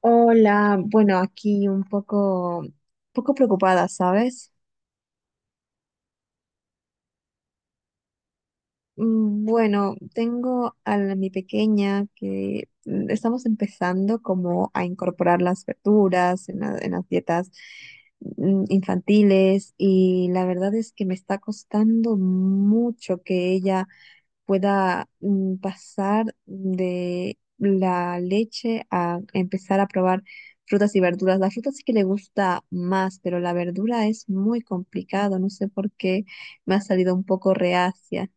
Hola, bueno, aquí un poco preocupada, ¿sabes? Bueno, tengo a mi pequeña que estamos empezando como a incorporar las verduras en las dietas infantiles y la verdad es que me está costando mucho que ella pueda pasar de la leche a empezar a probar frutas y verduras. La fruta sí que le gusta más, pero la verdura es muy complicado. No sé por qué me ha salido un poco reacia.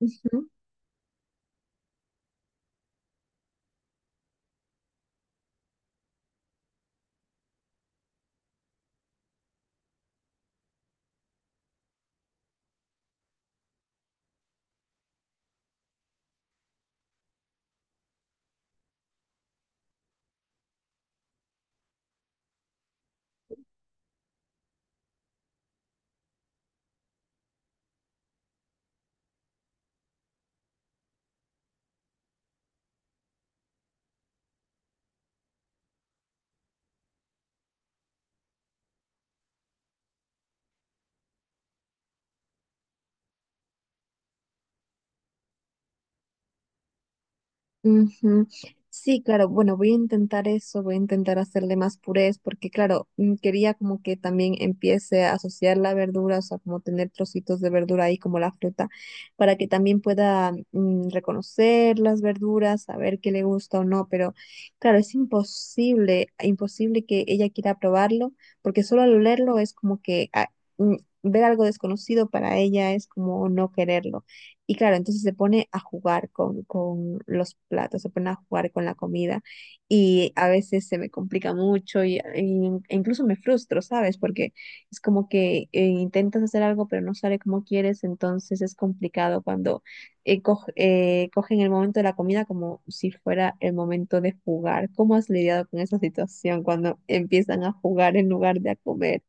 Ujú. Ujú. Sí, claro, bueno, voy a intentar eso, voy a intentar hacerle más purés, porque claro, quería como que también empiece a asociar la verdura, o sea, como tener trocitos de verdura ahí como la fruta, para que también pueda reconocer las verduras, saber qué le gusta o no, pero claro, es imposible, imposible que ella quiera probarlo, porque solo al olerlo es como que mm, ver algo desconocido para ella es como no quererlo. Y claro, entonces se pone a jugar con los platos, se pone a jugar con la comida y a veces se me complica mucho y e incluso me frustro, ¿sabes? Porque es como que intentas hacer algo pero no sale como quieres, entonces es complicado cuando cogen el momento de la comida como si fuera el momento de jugar. ¿Cómo has lidiado con esa situación cuando empiezan a jugar en lugar de a comer?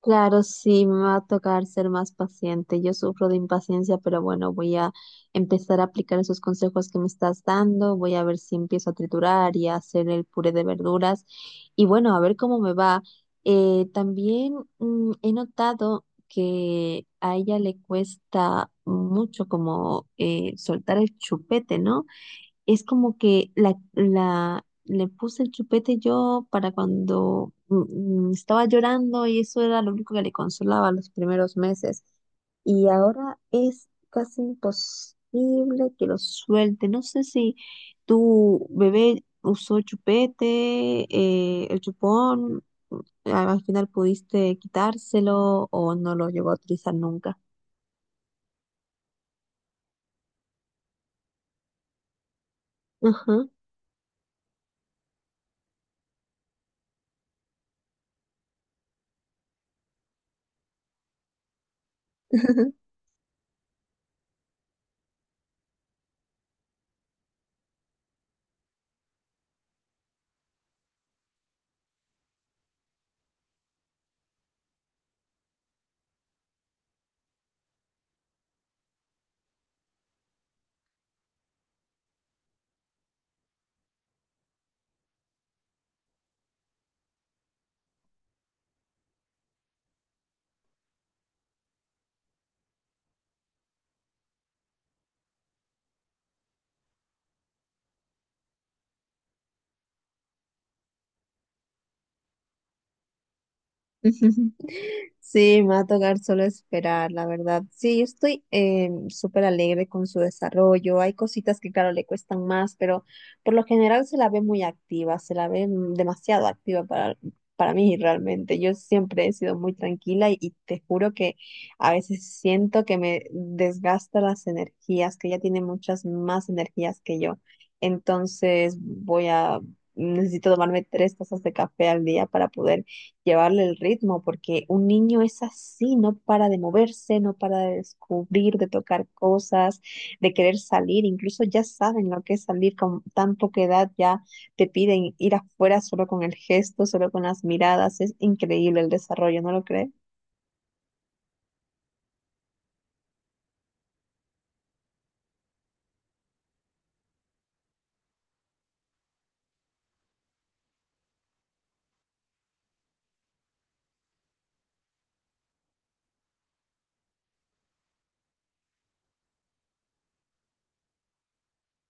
Claro, sí, me va a tocar ser más paciente. Yo sufro de impaciencia, pero bueno, voy a empezar a aplicar esos consejos que me estás dando. Voy a ver si empiezo a triturar y a hacer el puré de verduras. Y bueno, a ver cómo me va. También he notado que a ella le cuesta mucho como soltar el chupete, ¿no? Es como que le puse el chupete yo para cuando estaba llorando y eso era lo único que le consolaba los primeros meses. Y ahora es casi imposible que lo suelte. No sé si tu bebé usó chupete, el chupón, al final pudiste quitárselo o no lo llegó a utilizar nunca. Ajá. Sí, me va a tocar solo esperar, la verdad. Sí, yo estoy súper alegre con su desarrollo. Hay cositas que, claro, le cuestan más, pero por lo general se la ve muy activa, se la ve demasiado activa para mí realmente. Yo siempre he sido muy tranquila y te juro que a veces siento que me desgasta las energías, que ella tiene muchas más energías que yo. Entonces voy a... Necesito tomarme tres tazas de café al día para poder llevarle el ritmo, porque un niño es así, no para de moverse, no para de descubrir, de tocar cosas, de querer salir, incluso ya saben lo que es salir con tan poca edad, ya te piden ir afuera solo con el gesto, solo con las miradas, es increíble el desarrollo, ¿no lo crees?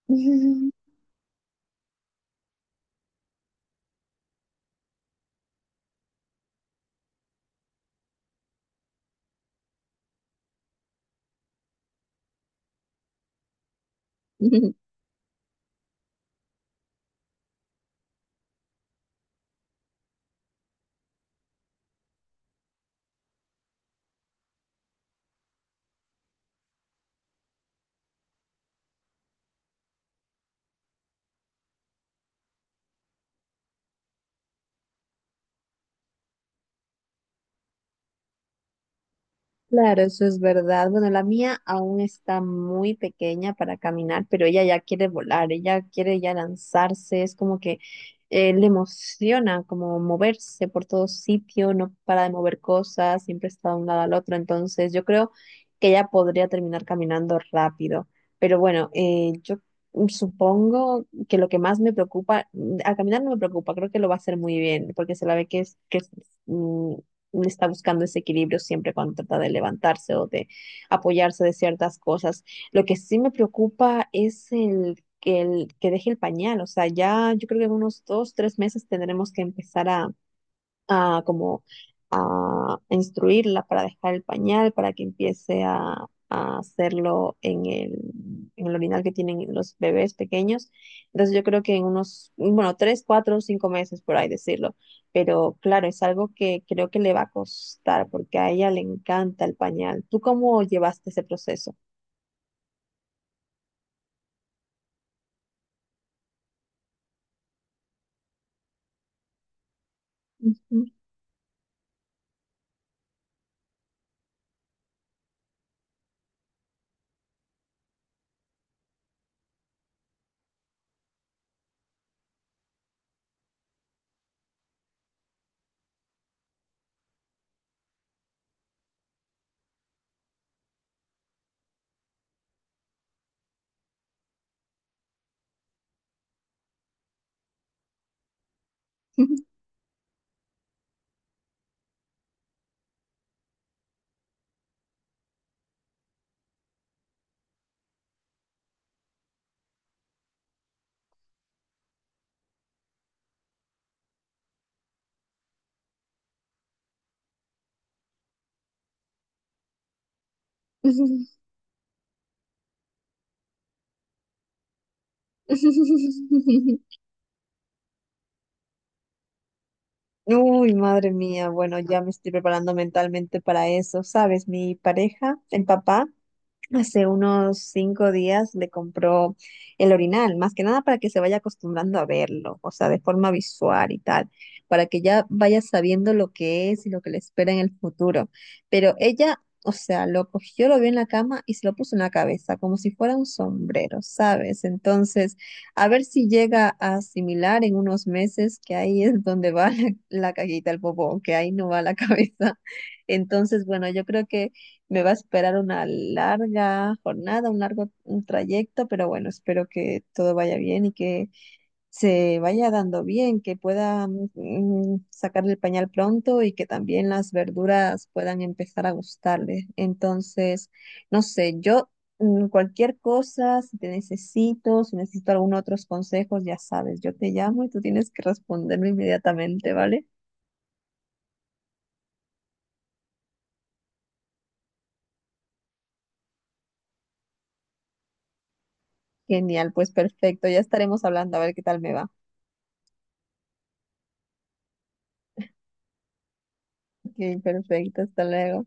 Claro, eso es verdad. Bueno, la mía aún está muy pequeña para caminar, pero ella ya quiere volar, ella quiere ya lanzarse, es como que le emociona como moverse por todo sitio, no para de mover cosas, siempre está de un lado al otro, entonces yo creo que ella podría terminar caminando rápido. Pero bueno, yo supongo que lo que más me preocupa, a caminar no me preocupa, creo que lo va a hacer muy bien, porque se la ve mm, está buscando ese equilibrio siempre cuando trata de levantarse o de apoyarse de ciertas cosas. Lo que sí me preocupa es el que deje el pañal, o sea, ya yo creo que en unos 2, 3 meses tendremos que empezar a como a instruirla para dejar el pañal, para que empiece a hacerlo en el orinal que tienen los bebés pequeños. Entonces yo creo que en unos, bueno, 3, 4, 5 meses por ahí decirlo. Pero claro, es algo que creo que le va a costar porque a ella le encanta el pañal. ¿Tú cómo llevaste ese proceso? Ujú. Uy, madre mía, bueno, ya me estoy preparando mentalmente para eso, ¿sabes? Mi pareja, el papá. Hace unos 5 días le compró el orinal, más que nada para que se vaya acostumbrando a verlo, o sea, de forma visual y tal, para que ya vaya sabiendo lo que es y lo que le espera en el futuro. Pero ella, o sea, lo cogió, lo vio en la cama y se lo puso en la cabeza, como si fuera un sombrero, ¿sabes? Entonces, a ver si llega a asimilar en unos meses que ahí es donde va la caguita, el bobo, que ahí no va la cabeza. Entonces, bueno, yo creo que me va a esperar una larga jornada, un largo un trayecto, pero bueno, espero que todo vaya bien y que se vaya dando bien, que pueda sacarle el pañal pronto y que también las verduras puedan empezar a gustarle. Entonces, no sé, yo cualquier cosa, si te necesito, si necesito algún otros consejos, ya sabes, yo te llamo y tú tienes que responderme inmediatamente, ¿vale? Genial, pues perfecto, ya estaremos hablando a ver qué tal me va. Ok, perfecto, hasta luego.